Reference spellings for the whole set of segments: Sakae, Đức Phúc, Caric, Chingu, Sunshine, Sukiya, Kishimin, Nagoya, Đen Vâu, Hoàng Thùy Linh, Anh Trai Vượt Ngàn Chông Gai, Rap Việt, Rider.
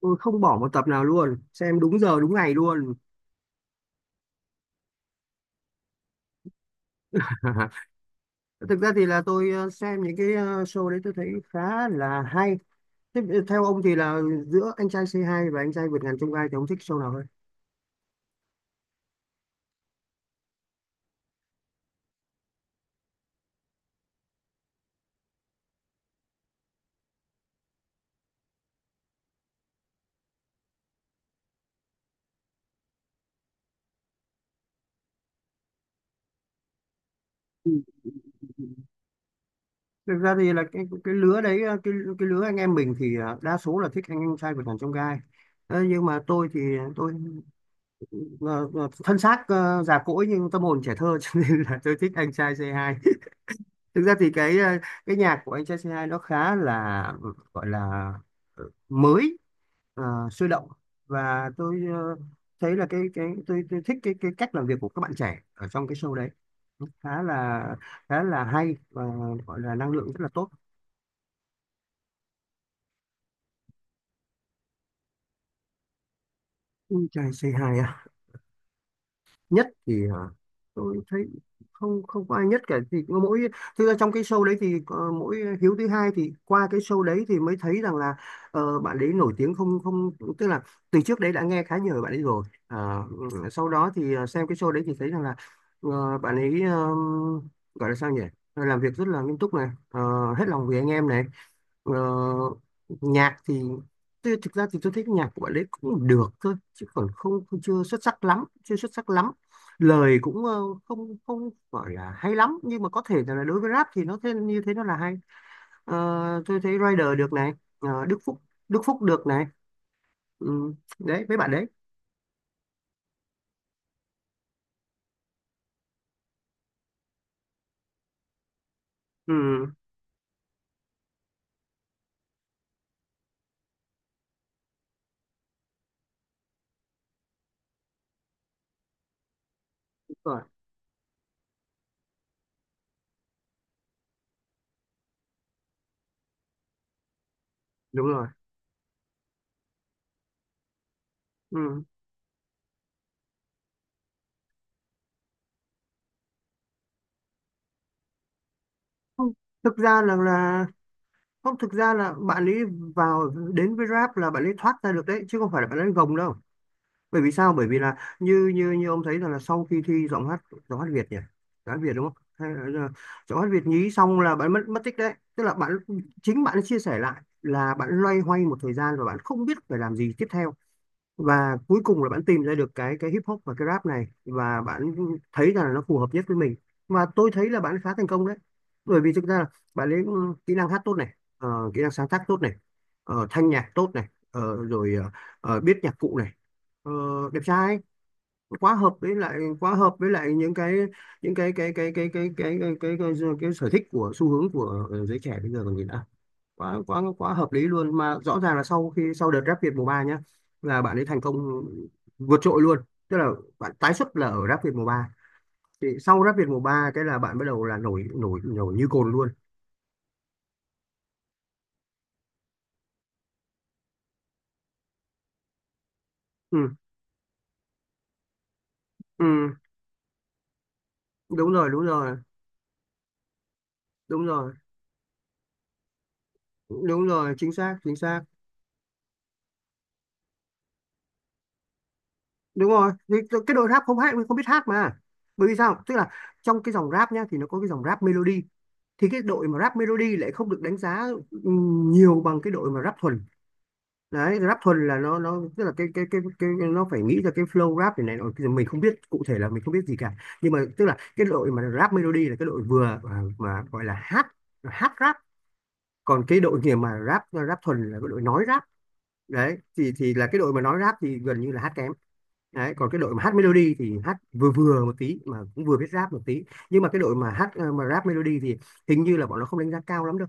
Tôi không bỏ một tập nào luôn, xem đúng giờ đúng ngày luôn. Thực ra thì là tôi xem những cái show đấy tôi thấy khá là hay. Theo ông thì là giữa anh trai C2 và anh trai vượt ngàn chông gai thì ông thích show nào hơn? Ừ. Thực ra thì là cái lứa đấy, cái lứa anh em mình thì đa số là thích anh em trai vượt ngàn chông gai. Ờ, nhưng mà tôi thì tôi ờ, thân xác già cỗi nhưng tâm hồn trẻ thơ. Cho nên là tôi thích anh trai C2. Thực ra thì cái cái nhạc của anh trai C2 nó khá là gọi là mới, ờ, sôi động, và tôi thấy là tôi thích cái cách làm việc của các bạn trẻ ở trong cái show đấy. Nó khá là, khá là hay, và gọi là năng lượng rất là tốt. Anh trai C2 nhất thì hả? Tôi thấy không, không có ai nhất cả, thì có mỗi, thực ra trong cái show đấy thì mỗi Hiếu thứ hai thì qua cái show đấy thì mới thấy rằng là bạn ấy nổi tiếng, không không, tức là từ trước đấy đã nghe khá nhiều về bạn ấy rồi. À, ừ, sau đó thì xem cái show đấy thì thấy rằng là bạn ấy, gọi là sao nhỉ, làm việc rất là nghiêm túc này, hết lòng vì anh em này. Ờ, nhạc thì thực ra thì tôi thích nhạc của bạn ấy cũng được thôi, chứ còn không, không chưa xuất sắc lắm, chưa xuất sắc lắm. Lời cũng không, không gọi là hay lắm, nhưng mà có thể là đối với rap thì nó thế, như thế nó là hay. Ờ, tôi thấy Rider được này, Đức Phúc, Đức Phúc được này. Ừ, đấy mấy bạn đấy. Ừ, đúng rồi, đúng rồi. Ừ. Không, thực ra là, không thực ra là bạn ấy vào đến với rap là bạn ấy thoát ra được đấy, chứ không phải là bạn ấy gồng đâu. Bởi vì sao? Bởi vì là như như như ông thấy rằng là sau khi thi giọng hát, giọng hát Việt nhỉ, giọng hát Việt đúng không, hay là giọng hát Việt nhí xong là bạn mất mất tích đấy, tức là bạn, chính bạn chia sẻ lại là bạn loay hoay một thời gian và bạn không biết phải làm gì tiếp theo. Và cuối cùng là bạn tìm ra được cái hip hop và cái rap này, và bạn thấy rằng là nó phù hợp nhất với mình. Và tôi thấy là bạn khá thành công đấy, bởi vì thực ra là bạn lấy kỹ năng hát tốt này, kỹ năng sáng tác tốt này, thanh nhạc tốt này, biết nhạc cụ này. Ờ, đẹp trai, quá hợp với lại những cái, những cái sở thích của xu hướng của giới trẻ bây giờ còn gì nữa. Quá quá quá hợp lý luôn mà, rõ ràng là sau khi sau đợt Rap Việt mùa 3 nhá là bạn ấy thành công vượt trội luôn. Tức là bạn tái xuất là ở Rap Việt mùa ba, thì sau Rap Việt mùa 3 cái là bạn bắt đầu là nổi nổi nổi như cồn luôn. Ừ, ừ, đúng rồi, đúng rồi, đúng rồi, đúng rồi, chính xác, chính xác. Đúng rồi. Vì cái đội rap không hát, không biết hát mà. Bởi vì sao, tức là trong cái dòng rap nhá thì nó có cái dòng rap melody, thì cái đội mà rap melody lại không được đánh giá, nhiều bằng cái đội mà rap thuần. Đấy, rap thuần là nó tức là cái nó phải nghĩ ra cái flow rap này này nọ. Bây giờ mình không biết cụ thể, là mình không biết gì cả, nhưng mà tức là cái đội mà rap melody là cái đội vừa, mà gọi là hát, hát rap. Còn cái đội kia mà rap rap thuần là cái đội nói rap. Đấy thì là cái đội mà nói rap thì gần như là hát kém. Đấy, còn cái đội mà hát melody thì hát vừa vừa một tí mà cũng vừa biết rap một tí. Nhưng mà cái đội mà hát mà rap melody thì hình như là bọn nó không đánh giá cao lắm đâu.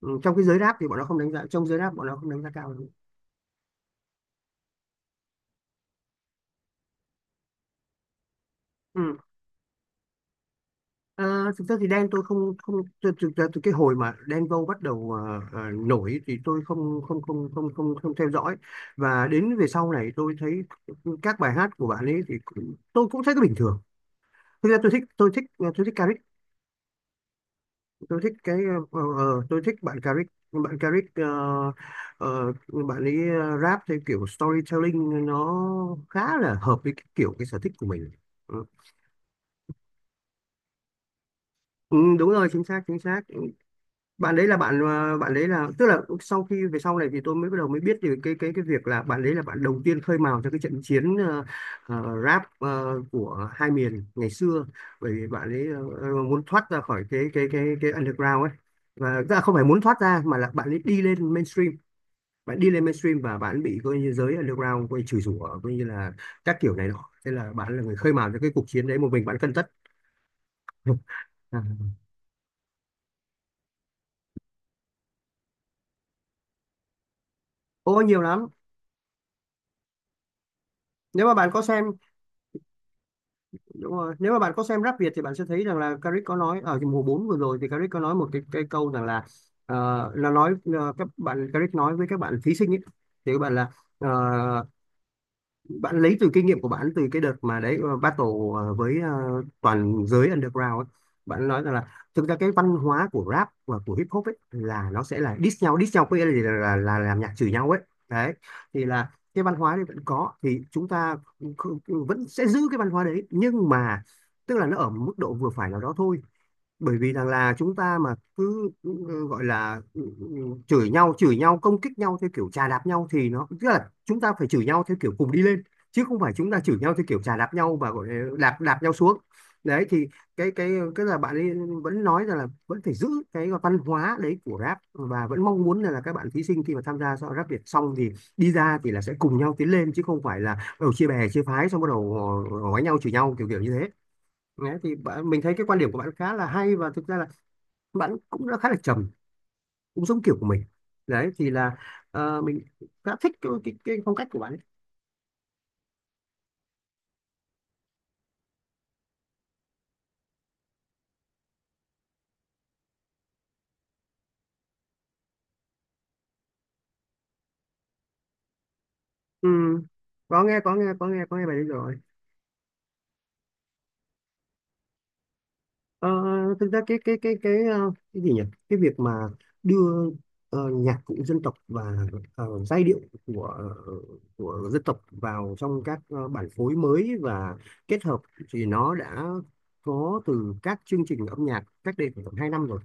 Ừ, trong cái giới rap thì bọn nó không đánh giá, trong giới rap bọn nó không đánh giá cao lắm. Ừ. Ờ, thực ra thì Đen tôi không, không từ cái hồi mà Đen Vâu bắt đầu nổi thì tôi không không không không không không theo dõi. Và đến về sau này tôi thấy các bài hát của bạn ấy thì cũng, tôi cũng thấy nó bình thường. Thực ra tôi thích, tôi thích, tôi thích, tôi thích cái, tôi thích bạn Caric, bạn Caric, ờ, bạn ấy rap theo kiểu storytelling, nó khá là hợp với cái kiểu, cái sở thích của mình. Ừ, ừ, đúng rồi, chính xác, chính xác. Bạn đấy là bạn, bạn đấy là, tức là sau khi về sau này thì tôi mới bắt đầu mới biết về cái việc là bạn đấy là bạn đầu tiên khơi mào cho cái trận chiến rap của hai miền ngày xưa. Bởi vì bạn ấy muốn thoát ra khỏi cái underground ấy. Và tức là không phải muốn thoát ra mà là bạn ấy đi lên mainstream. Bạn đi lên mainstream và bạn bị coi như giới underground coi như chửi rủa coi như là các kiểu này nọ. Thế là bạn là người khơi mào cho cái cuộc chiến đấy, một mình bạn cân tất. À. Ô nhiều lắm. Nếu mà bạn có xem, đúng rồi, nếu mà bạn có xem rap Việt thì bạn sẽ thấy rằng là Caric có nói ở mùa 4 vừa rồi, thì Caric có nói một cái câu rằng là là nói, các bạn Caric nói với các bạn thí sinh ấy, thì các bạn là ờ, bạn lấy từ kinh nghiệm của bạn từ cái đợt mà đấy battle với toàn giới underground ấy. Bạn nói rằng là thực ra cái văn hóa của rap và của hip hop ấy là nó sẽ là diss nhau có nghĩa là gì? Là, là làm nhạc chửi nhau ấy. Đấy thì là cái văn hóa đấy vẫn có thì chúng ta vẫn sẽ giữ cái văn hóa đấy, nhưng mà tức là nó ở một mức độ vừa phải nào đó thôi. Bởi vì rằng là chúng ta mà cứ gọi là chửi nhau công kích nhau theo kiểu chà đạp nhau, thì nó tức là chúng ta phải chửi nhau theo kiểu cùng đi lên, chứ không phải chúng ta chửi nhau theo kiểu chà đạp nhau và gọi là đạp đạp nhau xuống. Đấy thì cái là bạn ấy vẫn nói rằng là vẫn phải giữ cái văn hóa đấy của rap, và vẫn mong muốn là các bạn thí sinh khi mà tham gia so rap Việt xong thì đi ra thì là sẽ cùng nhau tiến lên, chứ không phải là ở chia bè chia phái xong bắt đầu họ đánh nhau chửi nhau kiểu kiểu như thế. Đấy, thì bạn, mình thấy cái quan điểm của bạn khá là hay, và thực ra là bạn cũng đã khá là trầm, cũng giống kiểu của mình. Đấy thì là mình khá thích cái phong cách của bạn ấy. Ừ, có nghe có nghe bài đấy rồi. Ờ, thực ra cái gì nhỉ, cái việc mà đưa nhạc cụ dân tộc và giai điệu của của dân tộc vào trong các bản phối mới và kết hợp, thì nó đã có từ các chương trình âm nhạc cách đây khoảng tầm hai năm rồi.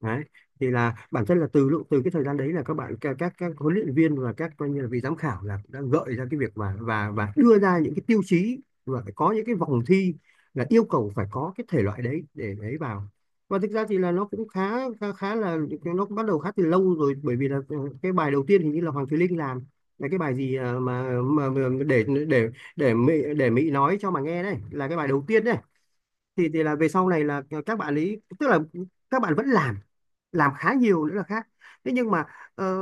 Đấy. Thì là bản thân là từ lúc, từ cái thời gian đấy là các bạn các huấn luyện viên và các coi như là vị giám khảo là đã gợi ra cái việc mà và đưa ra những cái tiêu chí, và phải có những cái vòng thi là yêu cầu phải có cái thể loại đấy để đấy vào. Và thực ra thì là nó cũng khá khá, khá là, nó cũng bắt đầu khá từ lâu rồi, bởi vì là cái bài đầu tiên hình như là Hoàng Thùy Linh làm, là cái bài gì à, mà để để để Mỹ, để Mỹ nói cho mà nghe, đấy là cái bài đầu tiên đấy. Thì là về sau này là các bạn ấy tức là các bạn vẫn làm khá nhiều nữa là khác. Thế nhưng mà ờ,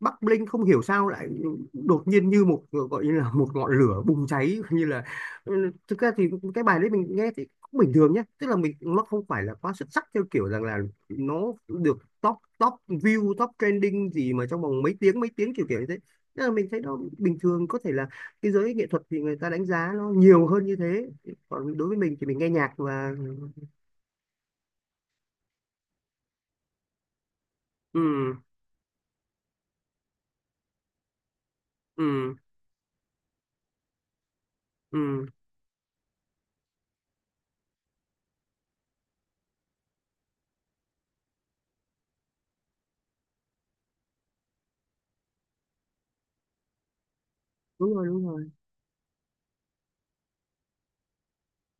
Bắc Linh không hiểu sao lại đột nhiên như một gọi như là một ngọn lửa bùng cháy như là, ừ, thực ra thì cái bài đấy mình nghe thì cũng bình thường nhé, tức là mình, nó không phải là quá xuất sắc theo kiểu rằng là nó được top, top view, top trending gì mà trong vòng mấy tiếng, kiểu kiểu như thế. Tức là mình thấy nó bình thường, có thể là cái giới nghệ thuật thì người ta đánh giá nó nhiều hơn như thế, còn đối với mình thì mình nghe nhạc và, ừ ừ ừ đúng rồi, đúng rồi.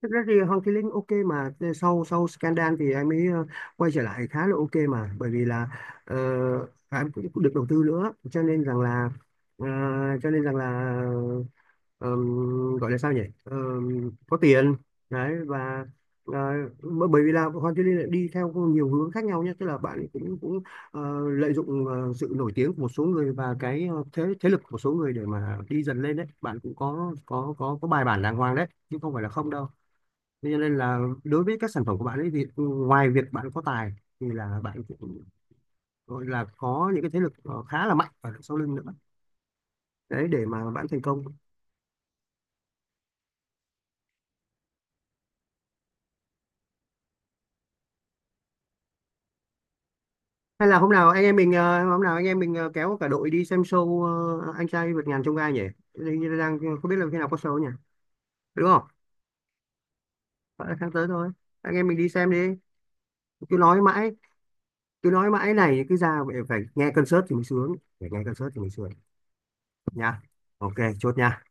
Thực ra thì Hoàng Thùy Linh ok mà, sau sau scandal thì em ấy quay trở lại khá là ok mà, bởi vì là ờ, em cũng, cũng được đầu tư nữa cho nên rằng là ờ, cho nên rằng là gọi là sao nhỉ, ờm, có tiền. Đấy và ờ, bởi vì là Hoàng Thùy Linh lại đi theo nhiều hướng khác nhau nhé, tức là bạn ấy cũng cũng lợi dụng sự nổi tiếng của một số người và cái ờ, thế thế lực của một số người để mà đi dần lên. Đấy bạn cũng có bài bản đàng hoàng đấy, chứ không phải là không đâu. Thế cho nên là đối với các sản phẩm của bạn ấy thì ngoài việc bạn có tài thì là bạn cũng gọi là có những cái thế lực khá là mạnh ở đằng sau lưng nữa, đấy để mà bạn thành công. Hay là hôm nào anh em mình ờ, hôm nào anh em mình ờ, kéo cả đội đi xem show anh trai vượt ngàn chông gai nhỉ. Hình như là đang không biết là khi nào có show nhỉ, đúng không? Phải là tháng tới thôi, anh em mình đi xem đi. Cứ nói mãi, cứ nói mãi này, cứ ra phải, phải nghe concert thì mới sướng, phải nghe concert thì mới sướng nha. Ok, chốt nha.